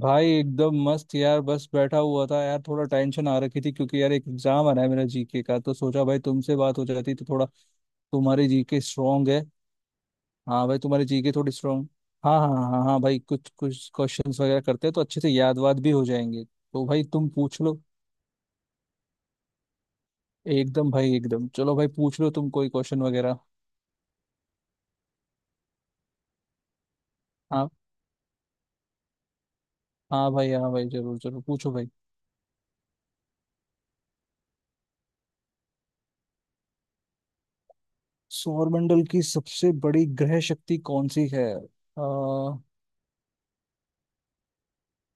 भाई एकदम मस्त यार, बस बैठा हुआ था यार। थोड़ा टेंशन आ रखी थी क्योंकि यार एक एग्जाम आ रहा है मेरा जीके का, तो सोचा भाई तुमसे बात हो जाती तो थोड़ा। तुम्हारी जीके स्ट्रांग है। हाँ भाई, तुम्हारी जीके थोड़ी स्ट्रांग। हाँ हाँ हाँ हाँ हाँ भाई, कुछ कुछ क्वेश्चंस वगैरह करते हैं तो अच्छे से याद वाद भी हो जाएंगे। तो भाई तुम पूछ लो। एकदम भाई, एकदम। चलो भाई, पूछ लो तुम कोई क्वेश्चन वगैरह। हाँ। हाँ भाई, हाँ भाई, जरूर जरूर पूछो भाई। सौरमंडल की सबसे बड़ी ग्रह शक्ति कौन सी है?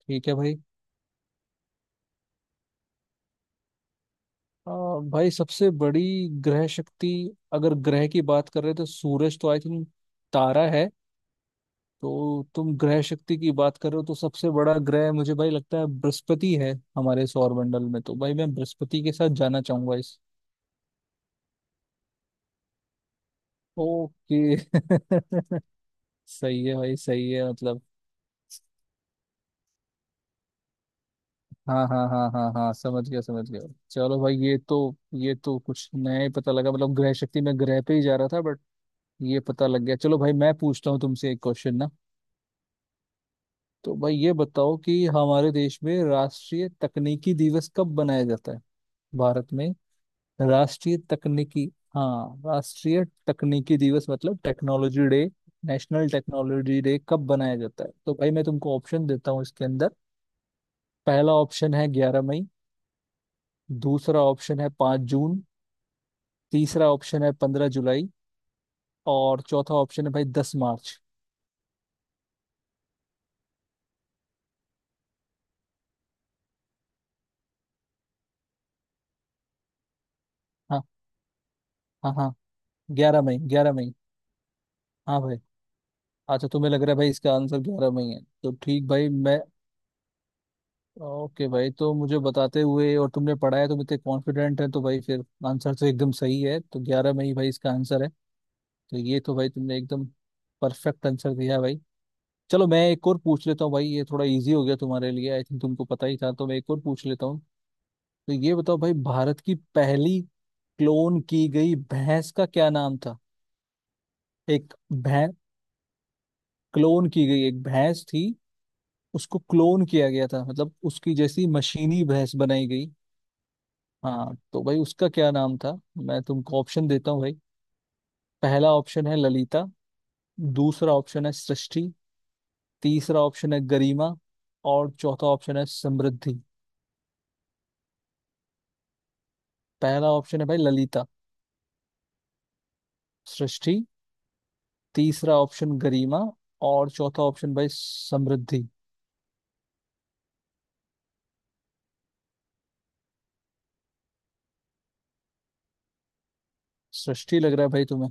ठीक है भाई। आ, भाई सबसे बड़ी ग्रह शक्ति, अगर ग्रह की बात कर रहे हो तो सूरज तो आई थिंक तारा है। तो तुम ग्रह शक्ति की बात कर रहे हो तो सबसे बड़ा ग्रह मुझे भाई लगता है बृहस्पति है हमारे सौरमंडल में, तो भाई मैं बृहस्पति के साथ जाना चाहूंगा इस ओके सही है भाई, सही है मतलब। हाँ हाँ हाँ हाँ हाँ, समझ गया, समझ गया। चलो भाई, ये तो कुछ नया ही पता लगा, मतलब ग्रह शक्ति में ग्रह पे ही जा रहा था बट ये पता लग गया। चलो भाई, मैं पूछता हूँ तुमसे एक क्वेश्चन ना। तो भाई ये बताओ कि हमारे देश में राष्ट्रीय तकनीकी दिवस कब मनाया जाता है, भारत में? राष्ट्रीय तकनीकी, हाँ, राष्ट्रीय तकनीकी दिवस मतलब technology day, national technology day कब मनाया जाता है? तो भाई मैं तुमको ऑप्शन देता हूँ इसके अंदर। पहला ऑप्शन है 11 मई। दूसरा ऑप्शन है 5 जून। तीसरा ऑप्शन है 15 जुलाई। और चौथा ऑप्शन है भाई 10 मार्च। हाँ हाँ हाँ। ग्यारह मई, ग्यारह मई। हाँ भाई। अच्छा, तुम्हें लग रहा है भाई इसका आंसर ग्यारह मई है तो ठीक भाई मैं। ओके भाई, तो मुझे बताते हुए और तुमने पढ़ा है, तुम इतने कॉन्फिडेंट है तो भाई फिर आंसर तो एकदम सही है। तो ग्यारह में ही भाई इसका आंसर है। तो ये तो भाई तुमने एकदम परफेक्ट आंसर दिया भाई। चलो मैं एक और पूछ लेता हूँ भाई, ये थोड़ा इजी हो गया तुम्हारे लिए आई थिंक, तुमको पता ही था तो मैं एक और पूछ लेता हूँ। तो ये बताओ भाई, भारत की पहली क्लोन की गई भैंस का क्या नाम था? एक भैंस, क्लोन की गई एक भैंस थी, उसको क्लोन किया गया था, मतलब उसकी जैसी मशीनी भैंस बनाई गई। हाँ तो भाई उसका क्या नाम था? मैं तुमको ऑप्शन देता हूँ भाई। पहला ऑप्शन है ललिता। दूसरा ऑप्शन है सृष्टि। तीसरा ऑप्शन है गरिमा। और चौथा ऑप्शन है समृद्धि। पहला ऑप्शन है भाई ललिता। सृष्टि। तीसरा ऑप्शन गरिमा। और चौथा ऑप्शन भाई समृद्धि। सृष्टि लग रहा है भाई तुम्हें?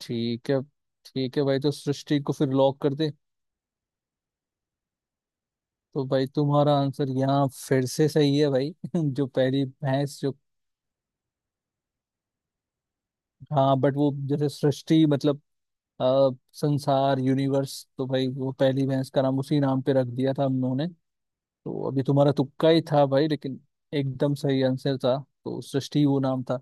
ठीक है। ठीक है भाई, तो सृष्टि को फिर लॉक कर दे। तो भाई तुम्हारा आंसर यहाँ फिर से सही है भाई जो पहली भैंस जो। हाँ बट वो जैसे सृष्टि मतलब, संसार, यूनिवर्स, तो भाई वो पहली भैंस का नाम उसी नाम पे रख दिया था हम लोगों ने। तो अभी तुम्हारा तुक्का ही था भाई, लेकिन एकदम सही आंसर था। तो सृष्टि वो नाम था।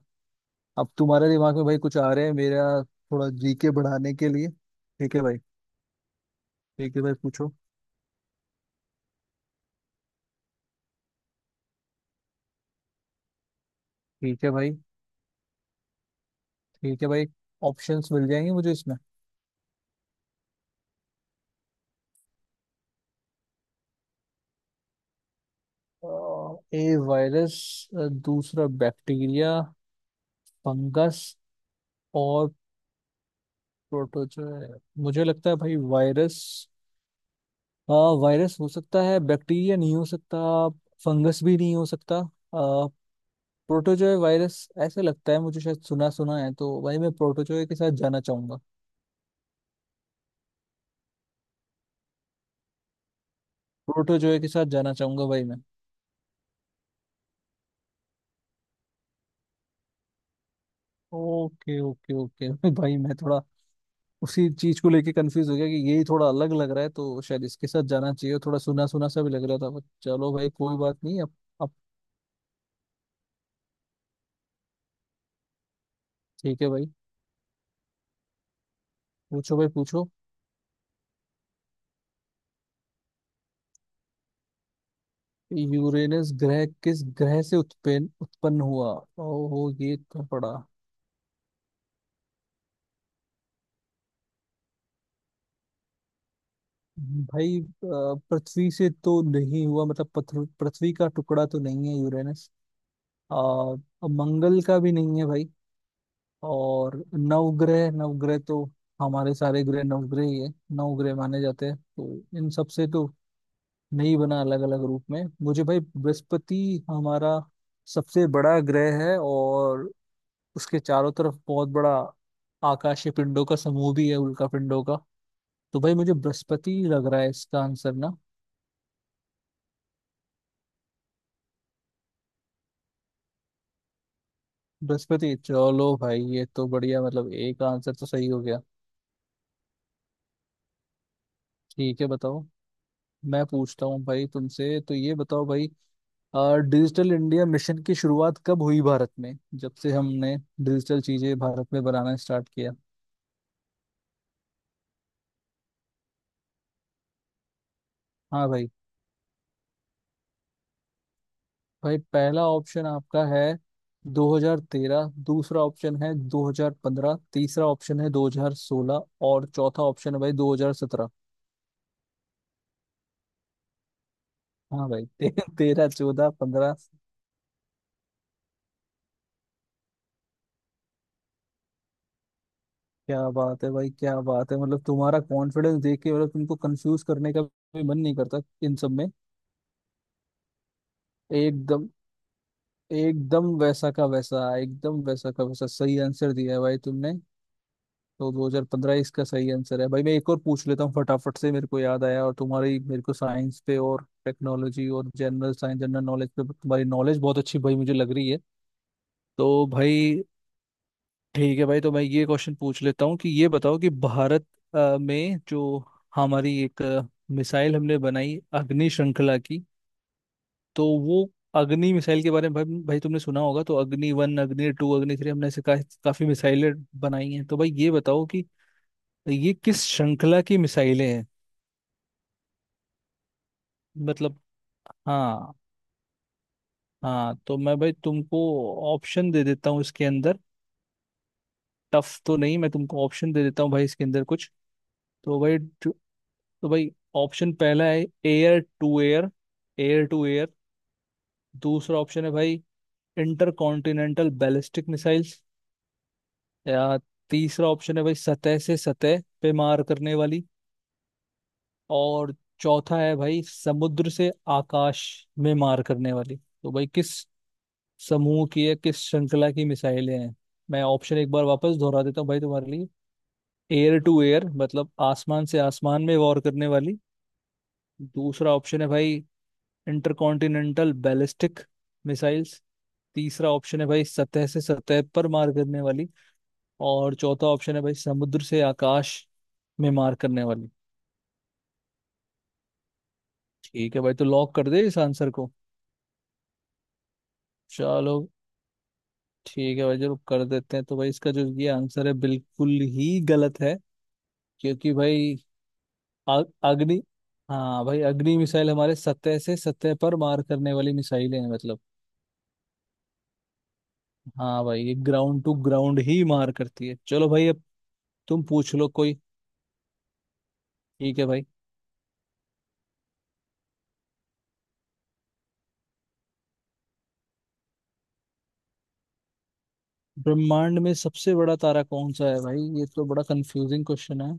अब तुम्हारे दिमाग में भाई कुछ आ रहे हैं मेरा थोड़ा जीके बढ़ाने के लिए। ठीक है भाई। ठीक है भाई पूछो। ठीक है भाई। ठीक है भाई। ऑप्शंस मिल जाएंगे मुझे इसमें। ए वायरस, दूसरा बैक्टीरिया, फंगस और प्रोटोजोआ। मुझे लगता है भाई वायरस। अ, वायरस हो सकता है, बैक्टीरिया नहीं हो सकता, फंगस भी नहीं हो सकता। प्रोटोजोय वायरस, ऐसे लगता है मुझे, शायद सुना सुना है। तो भाई मैं प्रोटोजोय के साथ जाना चाहूंगा। प्रोटोजोय के साथ जाना चाहूंगा भाई मैं। ओके ओके ओके भाई मैं थोड़ा उसी चीज को लेके कंफ्यूज हो गया कि यही थोड़ा अलग लग रहा है तो शायद इसके साथ जाना चाहिए, थोड़ा सुना सुना सा भी लग रहा था बट चलो भाई, कोई बात नहीं अब। अब ठीक है भाई। पूछो भाई, पूछो। यूरेनस ग्रह किस ग्रह से उत्पन्न उत्पन्न हुआ? ओहो, ये तो पड़ा। भाई पृथ्वी से तो नहीं हुआ, मतलब पृथ्वी का टुकड़ा तो नहीं है यूरेनस। और मंगल का भी नहीं है भाई। और नवग्रह, नवग्रह तो हमारे सारे ग्रह नवग्रह ही है, नवग्रह माने जाते हैं। तो इन सब से तो नहीं बना अलग अलग रूप में। मुझे भाई बृहस्पति हमारा सबसे बड़ा ग्रह है और उसके चारों तरफ बहुत बड़ा आकाशीय पिंडों का समूह भी है, उल्का पिंडों का। तो भाई मुझे बृहस्पति लग रहा है इसका आंसर ना। बृहस्पति। चलो भाई, ये तो बढ़िया, मतलब एक आंसर तो सही हो गया। ठीक है, बताओ। मैं पूछता हूँ भाई तुमसे, तो ये बताओ भाई डिजिटल इंडिया मिशन की शुरुआत कब हुई भारत में, जब से हमने डिजिटल चीजें भारत में बनाना स्टार्ट किया। हाँ भाई। भाई पहला ऑप्शन आपका है 2013। दूसरा ऑप्शन है 2015। तीसरा ऑप्शन है 2016। और चौथा ऑप्शन है भाई 2017। हाँ भाई तेरह, चौदह, पंद्रह। क्या बात है भाई, क्या बात है, मतलब तुम्हारा कॉन्फिडेंस देख के मतलब तुमको कंफ्यूज करने का भी मन नहीं करता इन सब में। एकदम, एकदम वैसा का वैसा, एकदम वैसा का वैसा सही आंसर दिया है भाई तुमने। तो 2015 इसका सही आंसर है भाई। मैं एक और पूछ लेता हूँ फटाफट से, मेरे को याद आया। और तुम्हारी, मेरे को साइंस पे और टेक्नोलॉजी और जनरल साइंस, जनरल नॉलेज पे तुम्हारी नॉलेज बहुत अच्छी भाई मुझे लग रही है। तो भाई, ठीक है भाई तो मैं ये क्वेश्चन पूछ लेता हूँ कि ये बताओ कि भारत में जो हमारी एक मिसाइल हमने बनाई अग्नि श्रृंखला की, तो वो अग्नि मिसाइल के बारे में भाई तुमने सुना होगा। तो अग्नि 1, अग्नि 2, अग्नि 3 हमने ऐसे काफी मिसाइलें बनाई हैं। तो भाई ये बताओ कि ये किस श्रृंखला की मिसाइलें हैं? मतलब। हाँ हाँ। तो मैं भाई तुमको ऑप्शन दे देता हूँ इसके अंदर। टफ तो नहीं, मैं तुमको ऑप्शन दे देता हूँ भाई इसके अंदर कुछ। तो भाई तो भाई ऑप्शन पहला है एयर टू एयर। दूसरा ऑप्शन है भाई इंटर कॉन्टिनेंटल बैलिस्टिक मिसाइल्स। या, तीसरा ऑप्शन है भाई सतह से सतह पे मार करने वाली। और चौथा है भाई समुद्र से आकाश में मार करने वाली। तो भाई किस समूह की है, किस श्रृंखला की मिसाइलें हैं? मैं ऑप्शन एक बार वापस दोहरा देता हूँ भाई तुम्हारे लिए। एयर टू एयर, मतलब आसमान से आसमान में वॉर करने वाली। दूसरा ऑप्शन है भाई इंटरकॉन्टिनेंटल बैलिस्टिक मिसाइल्स। तीसरा ऑप्शन है भाई सतह से सतह पर मार करने वाली। और चौथा ऑप्शन है भाई समुद्र से आकाश में मार करने वाली। ठीक है भाई, तो लॉक कर दे इस आंसर को। चलो, ठीक है भाई, जरूर कर देते हैं। तो भाई इसका जो ये आंसर है बिल्कुल ही गलत है क्योंकि भाई आ- अग्नि। हाँ भाई, अग्नि मिसाइल हमारे सतह से सतह पर मार करने वाली मिसाइलें हैं, मतलब। हाँ भाई, ये ग्राउंड टू ग्राउंड ही मार करती है। चलो भाई, अब। तुम पूछ लो कोई। ठीक है भाई। ब्रह्मांड में सबसे बड़ा तारा कौन सा है भाई, ये तो बड़ा कंफ्यूजिंग क्वेश्चन है।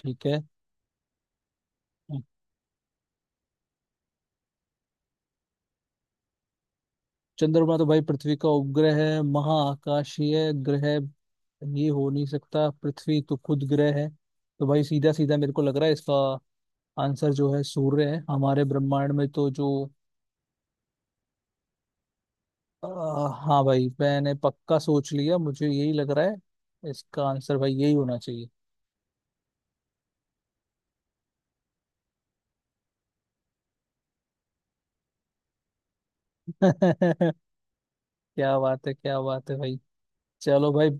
ठीक है। चंद्रमा तो भाई पृथ्वी का उपग्रह है, महाआकाशीय ग्रह ये हो नहीं सकता, पृथ्वी तो खुद ग्रह है। तो भाई सीधा सीधा मेरे को लग रहा है इसका आंसर जो है सूर्य है हमारे ब्रह्मांड में तो जो। आ, हाँ भाई, मैंने पक्का सोच लिया, मुझे यही लग रहा है इसका आंसर, भाई यही होना चाहिए। क्या बात है, क्या बात है भाई। चलो भाई।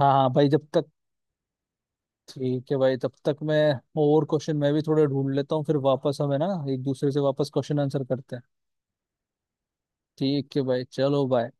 हाँ हाँ भाई, जब तक। ठीक है भाई, तब तक मैं और क्वेश्चन मैं भी थोड़े ढूंढ लेता हूँ फिर वापस हम है ना, एक दूसरे से वापस क्वेश्चन आंसर करते हैं। ठीक है भाई, चलो बाय।